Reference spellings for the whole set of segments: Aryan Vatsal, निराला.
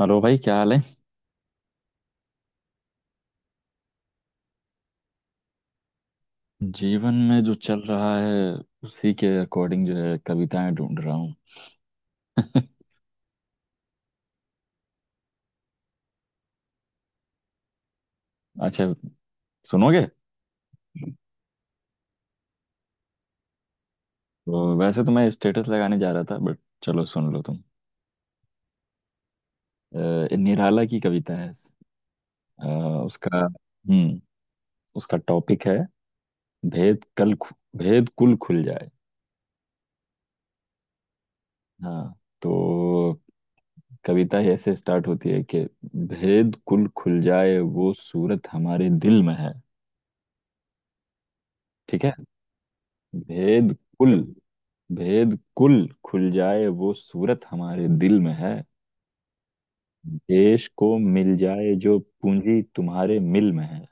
Hello भाई, क्या हाल है। जीवन में जो चल रहा है उसी के अकॉर्डिंग जो है कविताएं ढूंढ रहा हूँ। अच्छा, सुनोगे? तो वैसे तो मैं स्टेटस लगाने जा रहा था, बट चलो सुन लो तुम। निराला की कविता है। अ, उसका उसका टॉपिक है, भेद कल खु- भेद कुल खुल जाए। हाँ, तो कविता ही ऐसे स्टार्ट होती है कि भेद कुल खुल जाए वो सूरत हमारे दिल में है। ठीक है। भेद कुल भेद कुल खुल जाए वो सूरत हमारे दिल में है। देश को मिल जाए जो पूंजी तुम्हारे मिल में है।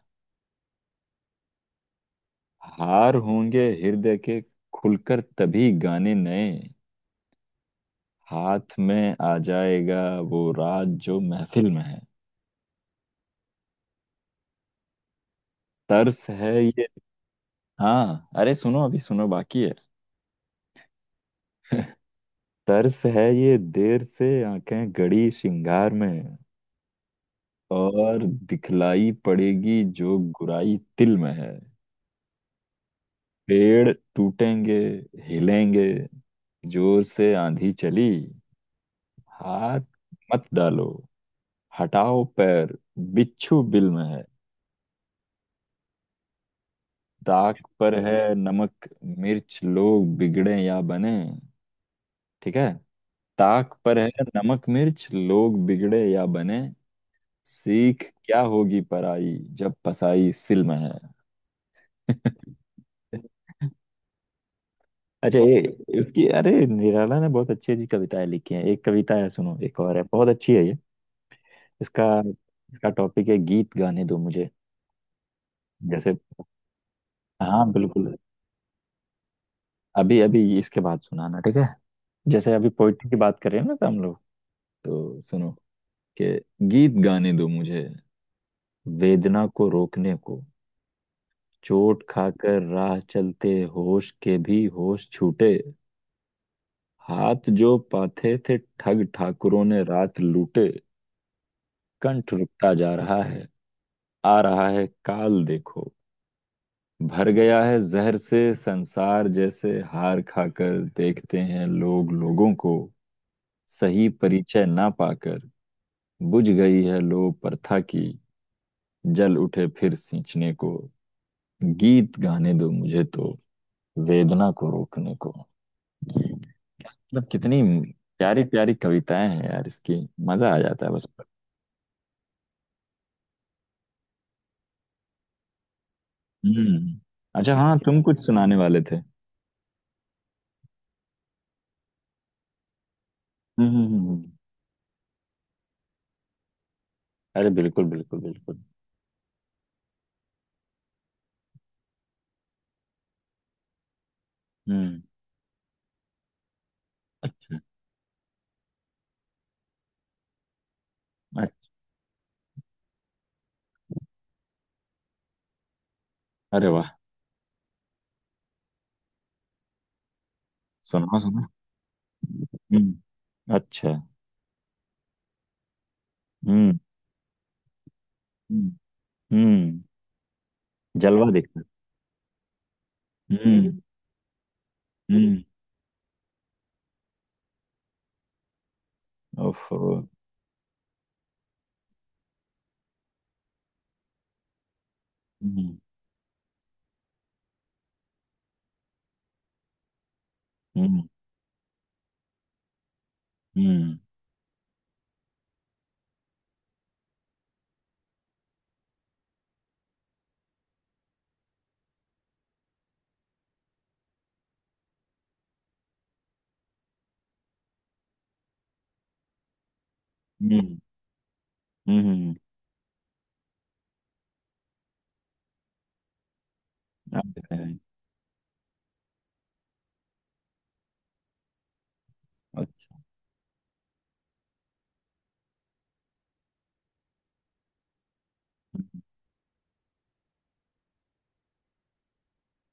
हार होंगे हृदय के, खुलकर तभी गाने नए, हाथ में आ जाएगा वो राज जो महफिल में है। तर्स है ये। हाँ अरे, सुनो अभी, सुनो बाकी है। तर्स है ये देर से आंखें गड़ी श्रृंगार में, और दिखलाई पड़ेगी जो गुराई तिल में है। पेड़ टूटेंगे, हिलेंगे, जोर से आंधी चली। हाथ मत डालो, हटाओ पैर, बिच्छू बिल में है। ताक पर है नमक मिर्च, लोग बिगड़े या बने। ठीक है। ताक पर है नमक मिर्च, लोग बिगड़े या बने। सीख क्या होगी पराई जब पसाई सिल में है। अच्छा ये, इसकी, अरे निराला ने बहुत अच्छी अच्छी कविताएं लिखी हैं। एक कविता है, सुनो, एक और है बहुत अच्छी है ये। इसका इसका टॉपिक है, गीत गाने दो मुझे। जैसे, हाँ बिल्कुल। अभी अभी इसके बाद सुनाना, ठीक है? जैसे अभी पोइट्री की बात करें ना, तो हम लोग, तो सुनो, कि, गीत गाने दो मुझे, वेदना को रोकने को। चोट खाकर राह चलते होश के भी होश छूटे। हाथ जो पाथे थे ठग ठाकुरों ने रात लूटे। कंठ रुकता जा रहा है, आ रहा है काल देखो, भर गया है जहर से संसार। जैसे हार खाकर देखते हैं लोग लोगों को, सही परिचय ना पाकर। बुझ गई है लो प्रथा की, जल उठे फिर सींचने को। गीत गाने दो मुझे तो, वेदना को रोकने को। मतलब कितनी प्यारी प्यारी कविताएं हैं यार इसकी, मजा आ जाता है बस। हम्म। अच्छा हाँ, तुम कुछ सुनाने वाले थे। हम्म, अरे बिल्कुल बिल्कुल बिल्कुल। हम्म। अच्छा। अरे वाह, सुनाओ सुनाओ। हम्म, अच्छा। हम्म, हम्म, हम्म, जलवा दिखता है। हम्म, हम्म। ओफो। हम्म, हम्म, हम्म, हम्म, हम्म। अब दिख रहा है। अच्छा।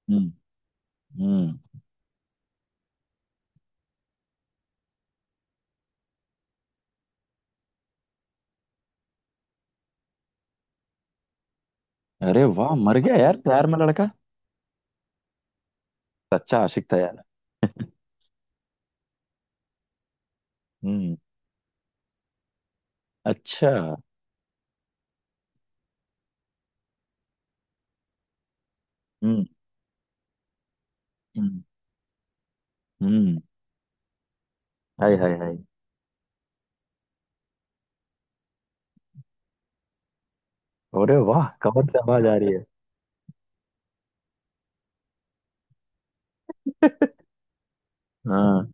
हम्म, हम्म। अरे वाह, मर गया यार प्यार में लड़का। सच्चा आशिक था यार। हम्म। अच्छा। हम्म, हम्म, हम्म। हाय हाय हाय। अरे वाह, कमर से आवाज आ रही है। हाँ,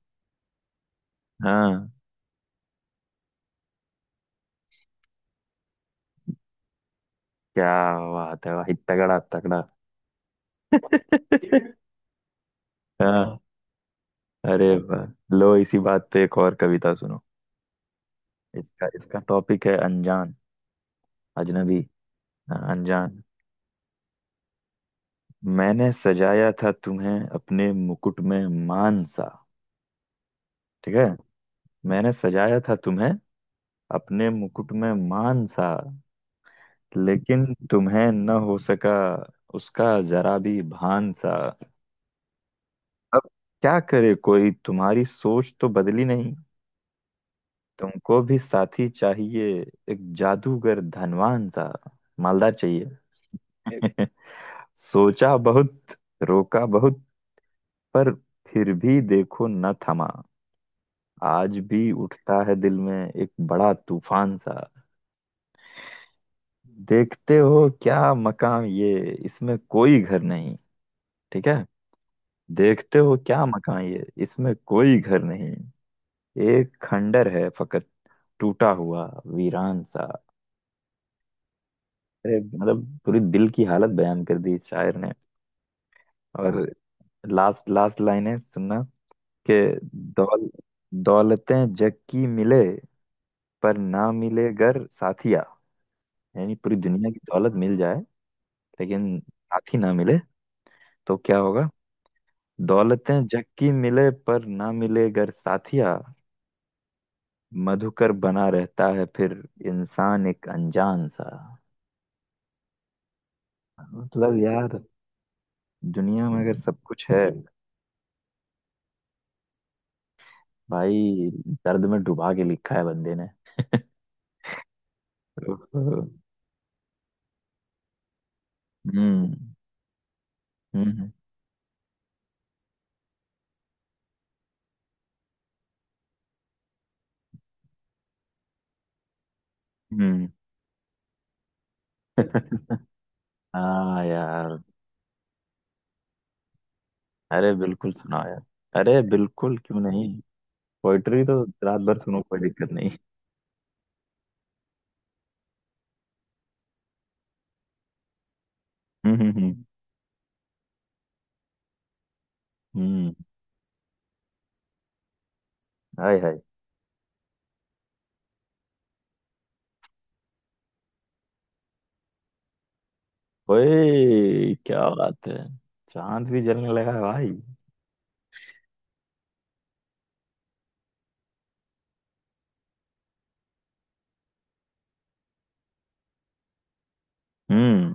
हाँ। क्या बात है भाई, तगड़ा तगड़ा। हाँ। अरे वाह, लो इसी बात पे एक और कविता सुनो। इसका इसका टॉपिक है अनजान, अजनबी। हाँ, अनजान। मैंने सजाया था तुम्हें अपने मुकुट में मान सा। ठीक है। मैंने सजाया था तुम्हें अपने मुकुट में मान सा। लेकिन तुम्हें न हो सका उसका जरा भी भान सा। अब क्या करे कोई, तुम्हारी सोच तो बदली नहीं। तुमको भी साथी चाहिए, एक जादूगर धनवान सा, मालदार चाहिए। सोचा बहुत, रोका बहुत, पर फिर भी देखो न थमा, आज भी उठता है दिल में एक बड़ा तूफान सा। देखते हो क्या मकाम ये, इसमें कोई घर नहीं। ठीक है। देखते हो क्या मकान ये, इसमें कोई घर नहीं। एक खंडर है फकत, टूटा हुआ वीरान सा। अरे, मतलब पूरी दिल की हालत बयान कर दी इस शायर ने। और लास्ट लास्ट लाइन है, सुनना, के, दौल दौलतें जग की मिले पर ना मिले घर साथिया। यानी पूरी दुनिया की दौलत मिल जाए, लेकिन साथी ना मिले तो क्या होगा। दौलतें जग की मिले पर ना मिले घर साथिया, मधुकर बना रहता है फिर इंसान एक अनजान सा। मतलब यार, दुनिया में अगर सब कुछ है, भाई, दर्द में डुबा के लिखा है बंदे ने। हम्म, हम्म, हम्म। हाँ यार। अरे बिल्कुल, सुनाओ यार। अरे बिल्कुल, क्यों नहीं, पोइट्री तो रात भर सुनो, कोई दिक्कत नहीं। हम्म, हम्म, हम्म, हम्म। हाय हाय। ओए क्या बात है, चांद भी जलने लगा है भाई। हम्म।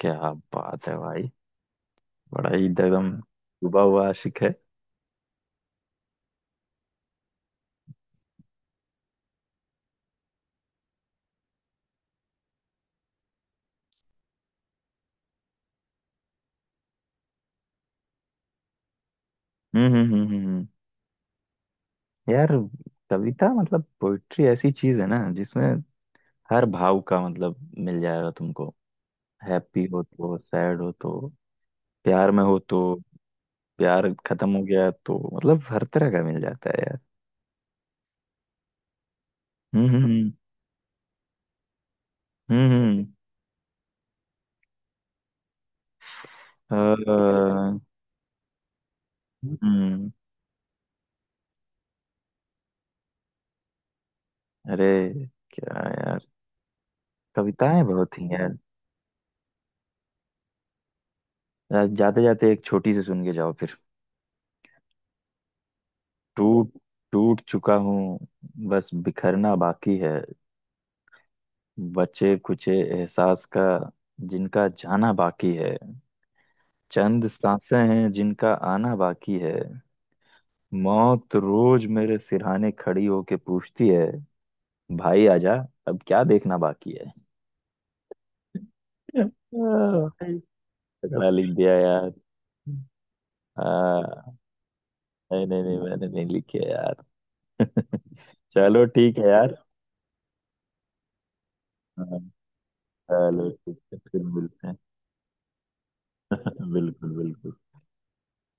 क्या बात है भाई, बड़ा ही एकदम डूबा हुआ आशिक है। हम्म, हम्म, हम्म, यार, कविता मतलब पोइट्री ऐसी चीज है ना, जिसमें हर भाव का मतलब मिल जाएगा तुमको। हैप्पी हो तो, सैड हो तो, प्यार में हो तो, प्यार खत्म हो गया तो, मतलब हर तरह का मिल जाता है यार। हम्म, हम्म, हम्म, हम्म, अ, हम्म, अरे क्या यार, कविताएं बहुत ही यार। जाते जाते एक छोटी सी सुन के जाओ फिर। टूट टूट चुका हूँ, बस बिखरना बाकी है। बचे कुचे एहसास का जिनका जाना बाकी है। चंद सांसें हैं जिनका आना बाकी है। मौत रोज मेरे सिरहाने खड़ी होके पूछती है, भाई आजा, अब क्या देखना बाकी है। आह। भाई, तगड़ा लिख दिया यार। आह, नहीं नहीं नहीं, मैंने नहीं लिखे यार। चलो ठीक है यार। हाँ, चलो ठीक है, फिर मिलते हैं। बिल्कुल बिल्कुल।